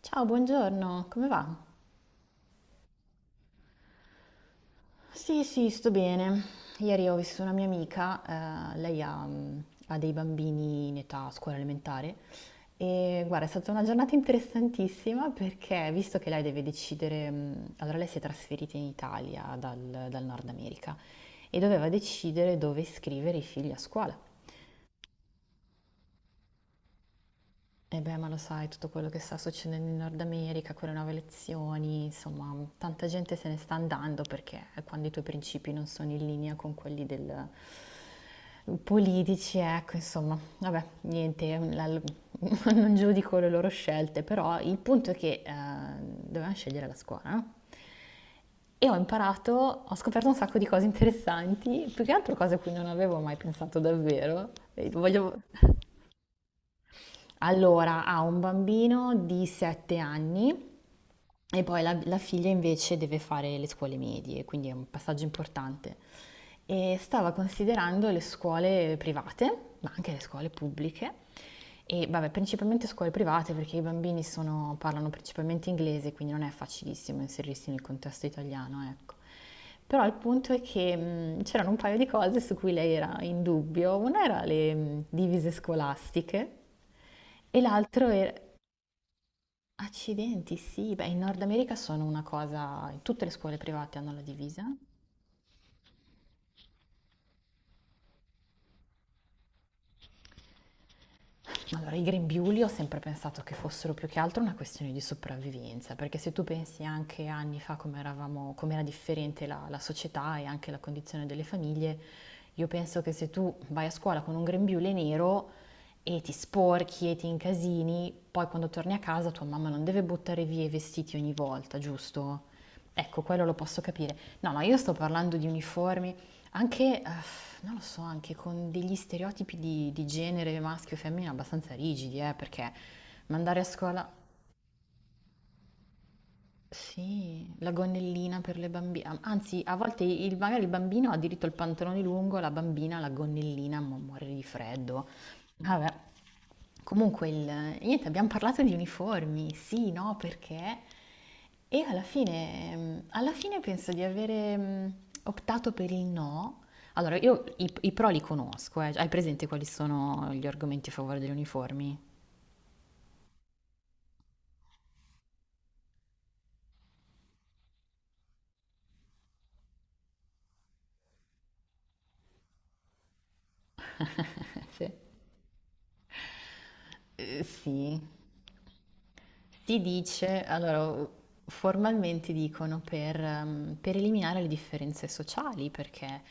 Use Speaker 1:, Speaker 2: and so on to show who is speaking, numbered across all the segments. Speaker 1: Ciao, buongiorno, come va? Sì, sì, sto bene. Ieri ho visto una mia amica, lei ha dei bambini in età scuola elementare e guarda, è stata una giornata interessantissima perché visto che lei deve decidere, allora lei si è trasferita in Italia dal Nord America e doveva decidere dove iscrivere i figli a scuola. E beh, ma lo sai, tutto quello che sta succedendo in Nord America, quelle nuove elezioni, insomma, tanta gente se ne sta andando perché quando i tuoi principi non sono in linea con quelli del politici, ecco, insomma, vabbè, niente, non giudico le loro scelte, però il punto è che dovevamo scegliere la scuola, no? E ho imparato, ho scoperto un sacco di cose interessanti, più che altro cose a cui non avevo mai pensato davvero. E voglio... Allora, ha un bambino di 7 anni e poi la figlia invece deve fare le scuole medie, quindi è un passaggio importante. E stava considerando le scuole private, ma anche le scuole pubbliche, e vabbè, principalmente scuole private perché i bambini parlano principalmente inglese, quindi non è facilissimo inserirsi nel contesto italiano, ecco. Però il punto è che c'erano un paio di cose su cui lei era in dubbio. Una era le divise scolastiche, e l'altro era... Accidenti, sì, beh, in Nord America sono una cosa... Tutte le scuole private hanno la divisa. Allora, i grembiuli ho sempre pensato che fossero più che altro una questione di sopravvivenza, perché se tu pensi anche anni fa come eravamo, com'era differente la società e anche la condizione delle famiglie, io penso che se tu vai a scuola con un grembiule nero e ti sporchi e ti incasini, poi quando torni a casa tua mamma non deve buttare via i vestiti ogni volta, giusto? Ecco, quello lo posso capire. No, no, io sto parlando di uniformi. Anche, non lo so, anche con degli stereotipi di genere maschio e femmina abbastanza rigidi, perché mandare a scuola, sì, la gonnellina per le bambine, anzi a volte magari il bambino ha diritto al pantalone lungo, la bambina la gonnellina, ma muore di freddo. Vabbè, comunque il... niente, abbiamo parlato di uniformi, sì, no, perché? E alla fine, alla fine penso di avere optato per il no. Allora, io i pro li conosco, eh. Hai presente quali sono gli argomenti a favore degli uniformi? Sì. Sì. Si dice, allora formalmente dicono per eliminare le differenze sociali, perché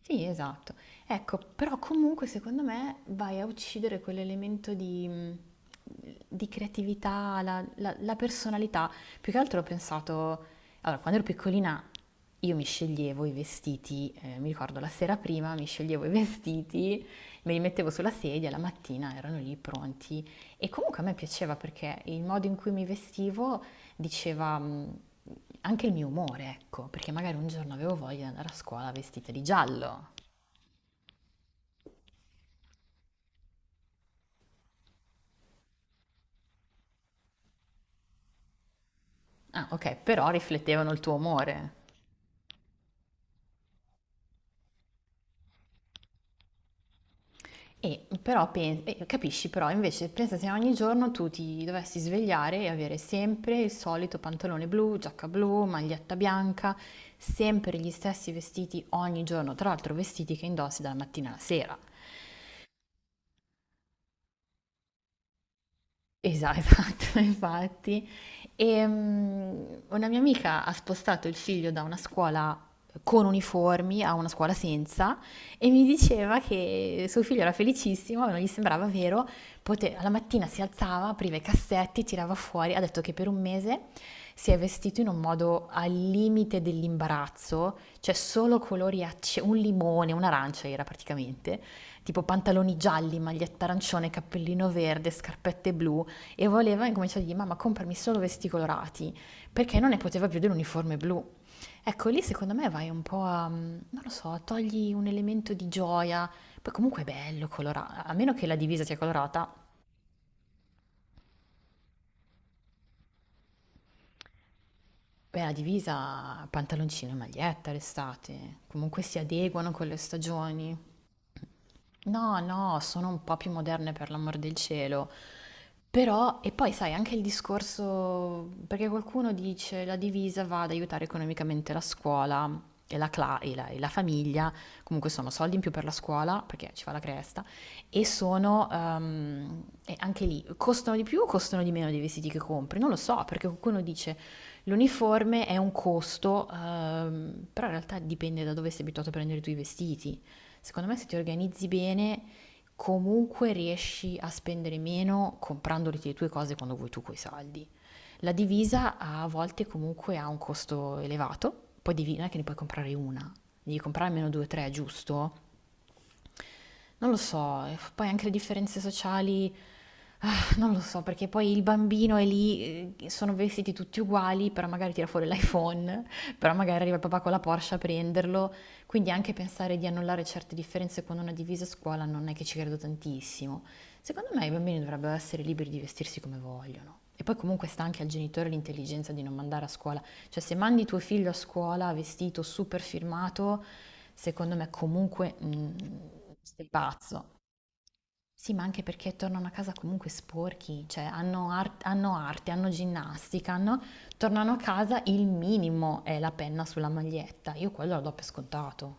Speaker 1: sì, esatto. Ecco, però comunque secondo me vai a uccidere quell'elemento di creatività, la personalità. Più che altro ho pensato, allora, quando ero piccolina io mi sceglievo i vestiti, mi ricordo la sera prima mi sceglievo i vestiti, me li mettevo sulla sedia, la mattina erano lì pronti. E comunque a me piaceva perché il modo in cui mi vestivo diceva anche il mio umore, ecco, perché magari un giorno avevo voglia di andare a scuola vestita di giallo. Ah, ok, però riflettevano il tuo umore. E però e capisci, però invece pensa se ogni giorno tu ti dovessi svegliare e avere sempre il solito pantalone blu, giacca blu, maglietta bianca, sempre gli stessi vestiti ogni giorno, tra l'altro vestiti che indossi dalla mattina alla sera. Esa esatto, infatti. Una mia amica ha spostato il figlio da una scuola con uniformi a una scuola senza e mi diceva che suo figlio era felicissimo, ma non gli sembrava vero. Alla mattina si alzava, apriva i cassetti, tirava fuori. Ha detto che per un mese si è vestito in un modo al limite dell'imbarazzo, cioè solo colori un limone, un'arancia era praticamente, tipo pantaloni gialli, maglietta arancione, cappellino verde, scarpette blu e voleva incominciare a dire mamma comprami solo vestiti colorati perché non ne poteva più dell'uniforme blu. Ecco lì secondo me vai un po' a non lo so, togli un elemento di gioia, poi comunque è bello colorato, a meno che la divisa sia colorata. Beh, la divisa, pantaloncino e maglietta l'estate, comunque si adeguano con le stagioni. No, no, sono un po' più moderne per l'amor del cielo. Però, e poi sai, anche il discorso, perché qualcuno dice la divisa va ad aiutare economicamente la scuola e la, cla- e la famiglia, comunque sono soldi in più per la scuola, perché ci fa la cresta, e e anche lì, costano di più o costano di meno dei vestiti che compri? Non lo so, perché qualcuno dice l'uniforme è un costo, però in realtà dipende da dove sei abituato a prendere i tuoi vestiti. Secondo me se ti organizzi bene, comunque riesci a spendere meno comprandoti le tue cose quando vuoi tu coi soldi. La divisa a volte comunque ha un costo elevato, poi divina che ne puoi comprare una, devi comprare almeno due o tre, giusto? Non lo so, e poi anche le differenze sociali, ah, non lo so, perché poi il bambino è lì, sono vestiti tutti uguali, però magari tira fuori l'iPhone, però magari arriva il papà con la Porsche a prenderlo, quindi anche pensare di annullare certe differenze con una divisa a scuola non è che ci credo tantissimo. Secondo me i bambini dovrebbero essere liberi di vestirsi come vogliono. E poi comunque sta anche al genitore l'intelligenza di non mandare a scuola cioè se mandi tuo figlio a scuola vestito super firmato, secondo me comunque sei pazzo. Sì, ma anche perché tornano a casa comunque sporchi, cioè hanno arte, hanno ginnastica, tornano a casa il minimo è la penna sulla maglietta. Io quello lo do per scontato.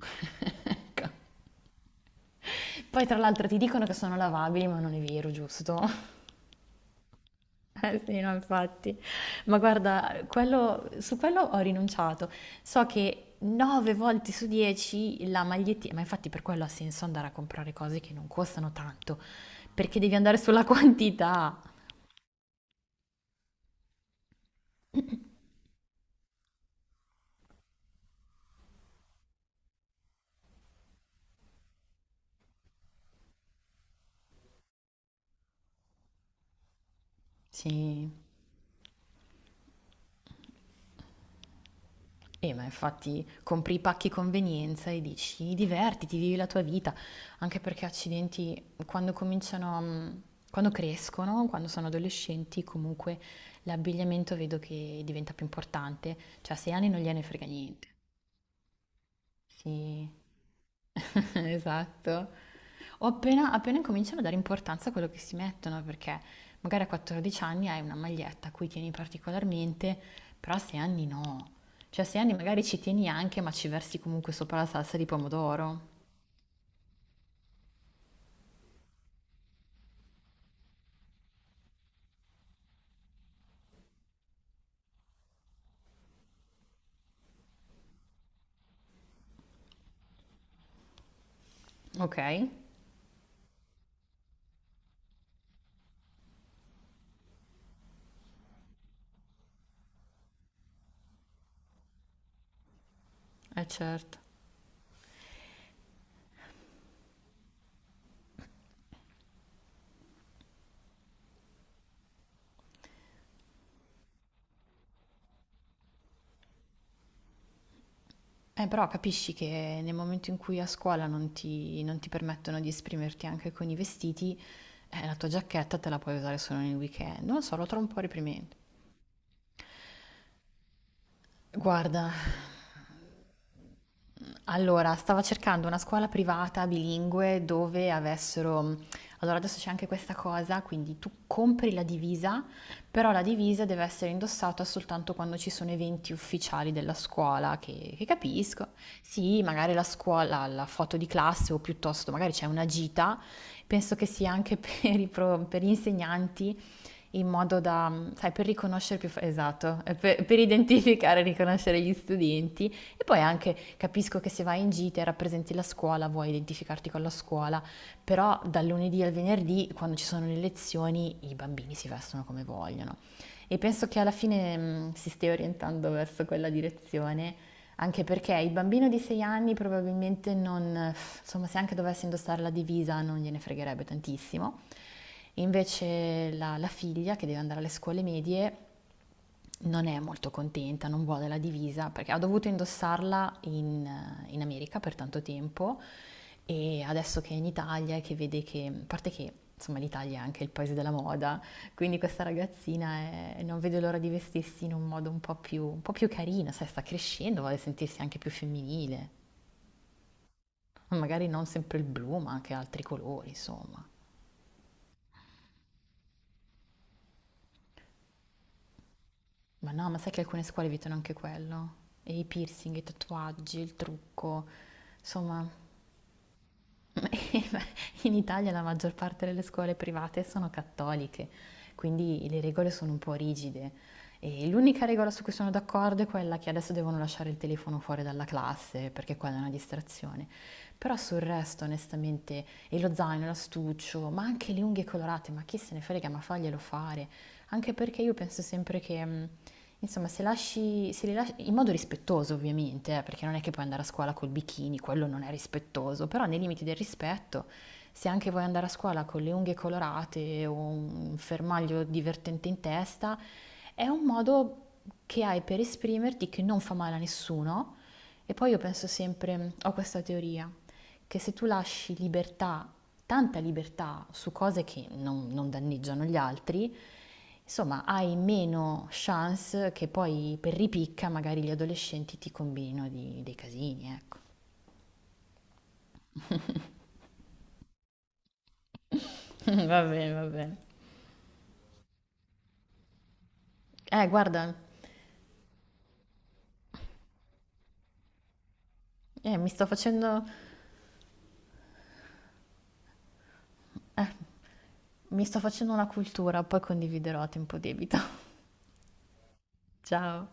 Speaker 1: Ecco. Poi tra l'altro ti dicono che sono lavabili, ma non è vero, giusto? Eh sì, no, infatti. Ma guarda, quello- su quello ho rinunciato. So che 9 volte su 10 la magliettina, ma infatti per quello ha senso andare a comprare cose che non costano tanto, perché devi andare sulla quantità. Sì. Ma infatti compri i pacchi convenienza e dici divertiti, vivi la tua vita, anche perché accidenti, quando cominciano, quando crescono, quando sono adolescenti, comunque l'abbigliamento vedo che diventa più importante, cioè a 6 anni non gliene frega niente. Sì, esatto. O appena, appena incominciano a dare importanza a quello che si mettono, perché magari a 14 anni hai una maglietta a cui tieni particolarmente, però a 6 anni no. Cioè a 6 anni magari ci tieni anche, ma ci versi comunque sopra la salsa di pomodoro. Ok? Eh, certo. Però capisci che nel momento in cui a scuola non ti permettono di esprimerti anche con i vestiti, la tua giacchetta te la puoi usare solo nel weekend. Non lo so, lo trovo un po' riprimente. Guarda. Allora, stava cercando una scuola privata bilingue dove avessero... Allora, adesso c'è anche questa cosa, quindi tu compri la divisa, però la divisa deve essere indossata soltanto quando ci sono eventi ufficiali della scuola, che capisco. Sì, magari la scuola, la foto di classe o piuttosto magari c'è una gita, penso che sia anche per i per gli insegnanti in modo da, sai, per riconoscere più, esatto, per identificare e riconoscere gli studenti e poi anche capisco che se vai in gita e rappresenti la scuola, vuoi identificarti con la scuola, però dal lunedì al venerdì, quando ci sono le lezioni, i bambini si vestono come vogliono. E penso che alla fine si stia orientando verso quella direzione, anche perché il bambino di 6 anni probabilmente non, insomma, se anche dovesse indossare la divisa non gliene fregherebbe tantissimo. Invece la figlia che deve andare alle scuole medie non è molto contenta, non vuole la divisa perché ha dovuto indossarla in, in America per tanto tempo e adesso che è in Italia e che vede che, a parte che insomma l'Italia è anche il paese della moda, quindi questa ragazzina non vede l'ora di vestirsi in un modo un po' più carino, sai, sta crescendo, vuole sentirsi anche più femminile, magari non sempre il blu ma anche altri colori, insomma. Ma no, ma sai che alcune scuole evitano anche quello? E i piercing, i tatuaggi, il trucco, insomma, in Italia la maggior parte delle scuole private sono cattoliche, quindi le regole sono un po' rigide. E l'unica regola su cui sono d'accordo è quella che adesso devono lasciare il telefono fuori dalla classe perché quella è una distrazione. Però sul resto, onestamente, e lo zaino, l'astuccio, ma anche le unghie colorate, ma chi se ne frega, ma faglielo fare. Anche perché io penso sempre che insomma, se lasci, se li lasci in modo rispettoso ovviamente, perché non è che puoi andare a scuola col bikini, quello non è rispettoso, però nei limiti del rispetto, se anche vuoi andare a scuola con le unghie colorate o un fermaglio divertente in testa, è un modo che hai per esprimerti che non fa male a nessuno. E poi io penso sempre, ho questa teoria, che se tu lasci libertà tanta libertà su cose che non danneggiano gli altri, insomma hai meno chance che poi per ripicca magari gli adolescenti ti combinino dei casini, ecco. Va bene, va bene. Eh, guarda, eh, mi sto facendo, mi sto facendo una cultura, poi condividerò a tempo debito. Ciao,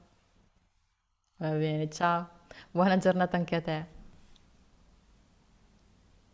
Speaker 1: va bene, ciao. Buona giornata anche a te.